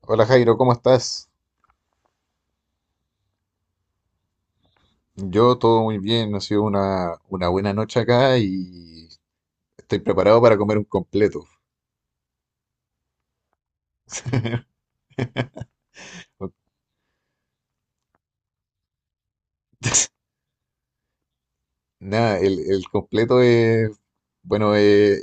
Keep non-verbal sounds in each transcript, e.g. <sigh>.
Hola Jairo, ¿cómo estás? Yo todo muy bien, ha sido una buena noche acá y estoy preparado para comer un completo. <laughs> Nada, el completo es, bueno,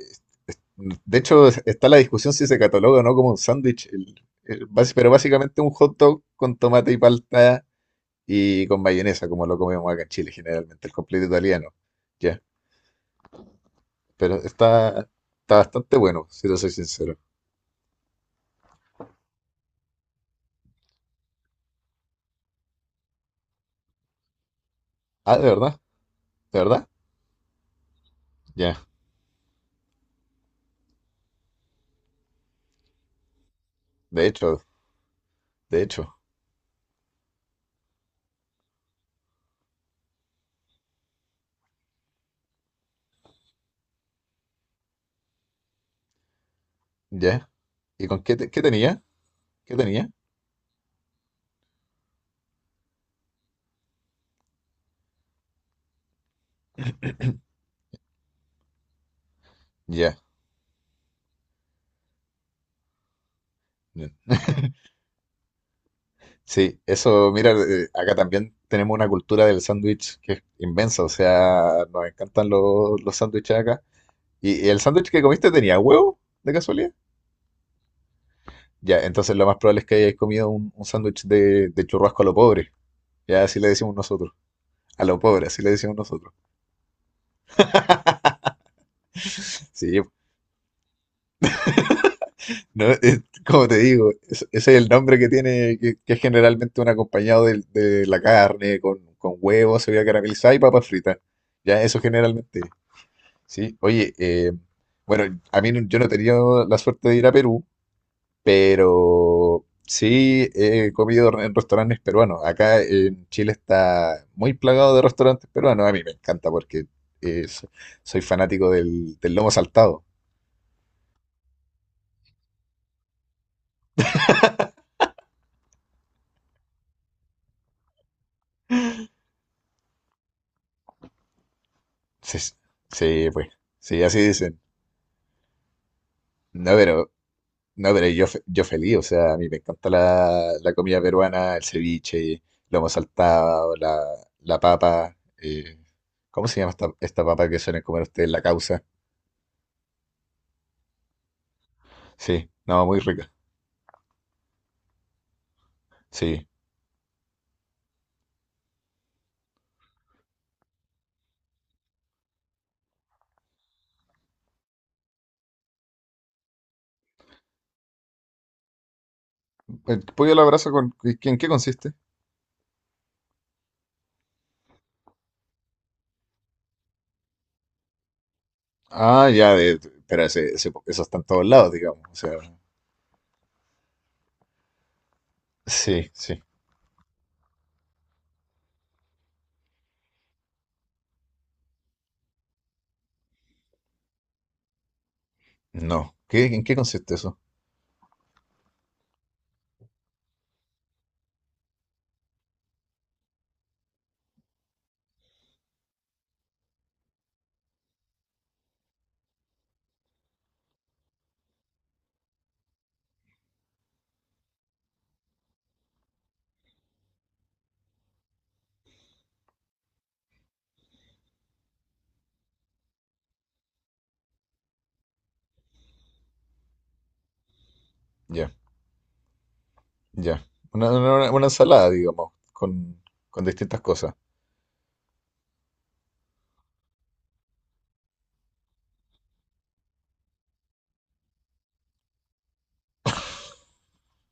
de hecho está la discusión si se cataloga o no como un sándwich, pero básicamente un hot dog con tomate y palta y con mayonesa, como lo comemos acá en Chile generalmente, el completo italiano. Ya, pero está bastante bueno, si te soy sincero. Ah, ¿de verdad? ¿De verdad? Ya. De hecho. De hecho, ya. ¿Y con qué, qué tenía? ¿Qué tenía? Ya. Ya. Sí, eso, mira, acá también tenemos una cultura del sándwich que es inmensa, o sea, nos encantan los sándwiches acá. Y el sándwich que comiste tenía huevo, de casualidad? Ya, entonces lo más probable es que hayáis comido un sándwich de churrasco a lo pobre, ya así le decimos nosotros, a lo pobre, así le decimos nosotros. <laughs> Sí. No, <laughs> como te digo, ese es el nombre que tiene, que es generalmente un acompañado de la carne, con huevos, cebolla caramelizada y papas fritas. Ya, eso generalmente. Sí, oye, bueno, a mí yo no he tenido la suerte de ir a Perú, pero sí he comido en restaurantes peruanos. Acá en Chile está muy plagado de restaurantes peruanos. A mí me encanta porque eh, so- soy fanático del lomo saltado. Sí, sí, pues, sí, así dicen. No, pero no, pero yo, yo feliz, o sea, a mí me encanta la comida peruana, el ceviche, lomo saltado, la papa. ¿Cómo se llama esta papa que suelen comer ustedes? La causa. Sí, no, muy rica. Sí. ¿El pollo a la brasa con, en qué consiste? Ah, ya, pero eso está en todos lados, digamos. O sea, sí, sí. No. ¿Qué, en qué consiste eso? Ya, ya. Una, una ensalada, digamos, con distintas cosas.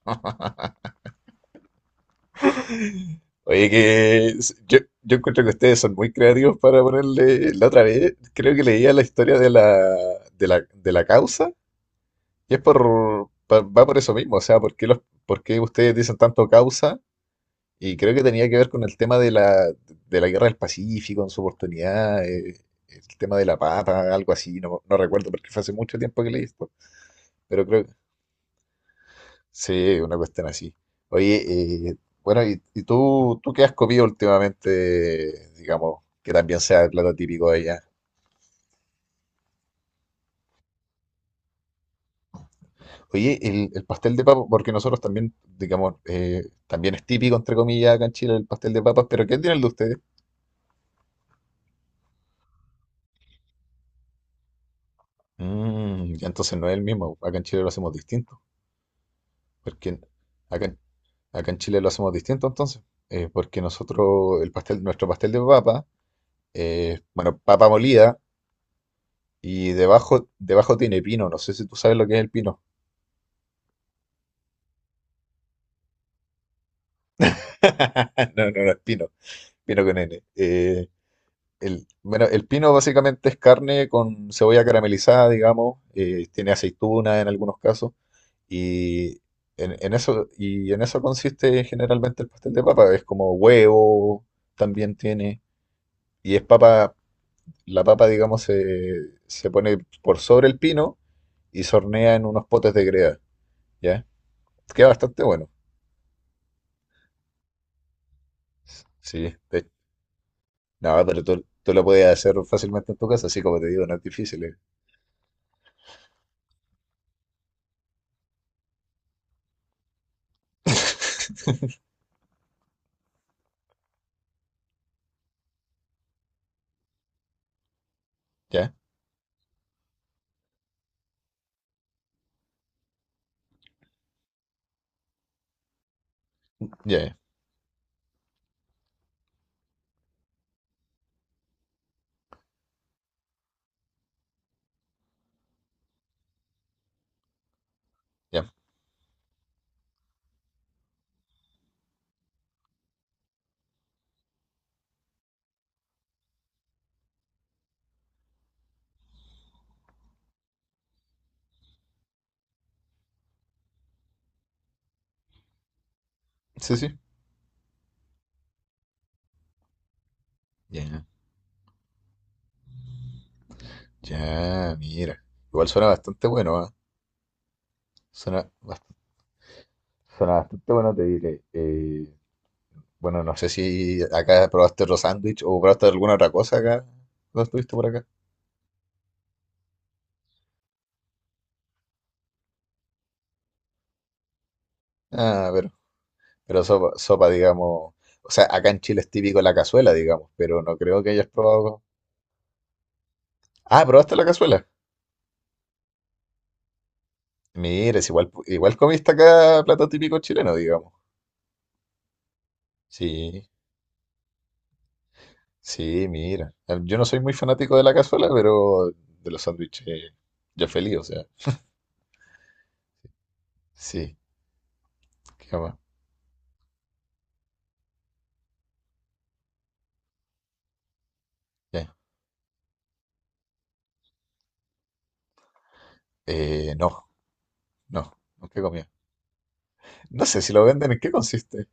<laughs> Oye, que yo encuentro que ustedes son muy creativos para ponerle. La otra vez creo que leía la historia de la causa y es por, va por eso mismo. O sea, ¿por qué, por qué ustedes dicen tanto causa? Y creo que tenía que ver con el tema de la guerra del Pacífico en su oportunidad, el tema de la papa, algo así. No, no recuerdo porque fue hace mucho tiempo que leí esto, pero creo sí, una cuestión así. Oye, bueno, y tú qué has comido últimamente, digamos, que también sea el plato típico de allá? Oye, el pastel de papa, porque nosotros también, digamos, también es típico, entre comillas, acá en Chile el pastel de papas, pero ¿qué tiene el de ustedes? Mm, ya entonces no es el mismo, acá en Chile lo hacemos distinto, porque acá, en- acá en Chile lo hacemos distinto entonces, porque nosotros, el pastel, nuestro pastel de papa, bueno, papa molida. Y debajo tiene pino. No sé si tú sabes lo que es el pino. <laughs> No, no, no es pino. Pino con N. Bueno, el pino básicamente es carne con cebolla caramelizada, digamos. Tiene aceituna en algunos casos. Y y en eso consiste generalmente el pastel de papa. Es como huevo, también tiene. Y es la papa, digamos, se pone por sobre el pino y se hornea en unos potes de greda. ¿Ya? Queda bastante bueno. Sí, de, No, pero tú lo podías hacer fácilmente en tu casa, así como te digo, no es difícil. ¿Eh? Ya, ya, ya. Sí, sí. Ya, ya, mira. Igual suena bastante bueno, ¿ah? Suena bastante, suena bastante bueno, te diré. Bueno, no sé si acá probaste otro sándwich o probaste alguna otra cosa acá. ¿No estuviste por acá? Ah, pero sopa, digamos. O sea, acá en Chile es típico la cazuela, digamos, pero no creo que hayas probado. Ah, ¿probaste la cazuela? Mira, es igual, igual comiste acá plato típico chileno, digamos. Sí, sí, mira. Yo no soy muy fanático de la cazuela, pero de los sándwiches ya feliz, o sea. Sí, qué más. Ya. Eh, no, no, nunca he comido. No sé si lo venden, ¿en qué consiste?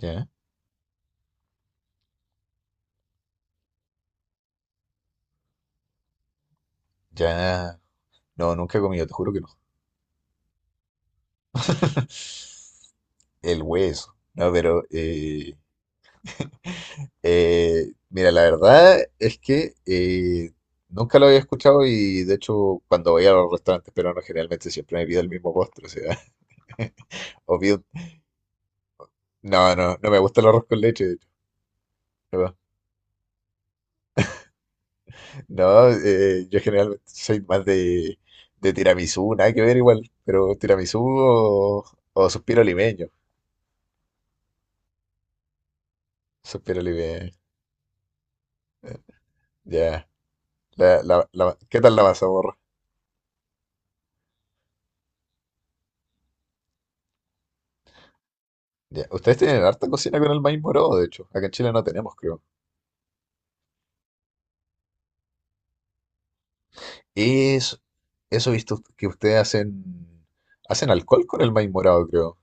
Ya, ya. No, nunca he comido, te juro que no. <laughs> El hueso. No, pero mira, la verdad es que nunca lo había escuchado y de hecho cuando voy a los restaurantes peruanos generalmente siempre me pido el mismo postre, o sea, <laughs> o pido no, no, no me gusta el arroz con leche, de hecho. No, no, yo generalmente soy de tiramisú, nada que ver igual, pero tiramisú o suspiro limeño. Suspiro limeño, ya. ¿Qué tal la mazamorra? Ya. Ustedes tienen harta cocina con el maíz morado, de hecho. Acá en Chile no tenemos, creo. Es, eso he visto que ustedes hacen alcohol con el maíz morado, creo.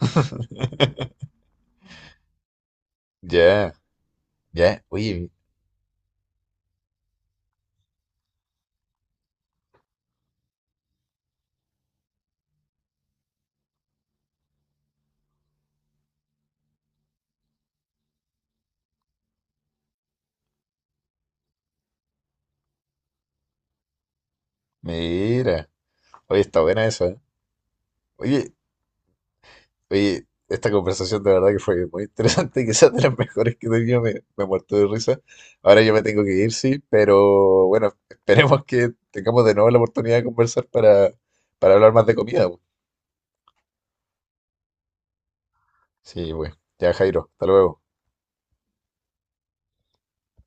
<laughs> Ya, ya. Oye, mira. Oye, está buena esa, ¿eh? Oye, oye, esta conversación de verdad que fue muy interesante, <laughs> quizás de las mejores que he tenido, me he muerto de risa. Ahora yo me tengo que ir, sí, pero bueno, <laughs> esperemos que tengamos de nuevo la oportunidad de conversar para hablar más de comida, pues. Sí, pues, ya Jairo, hasta luego.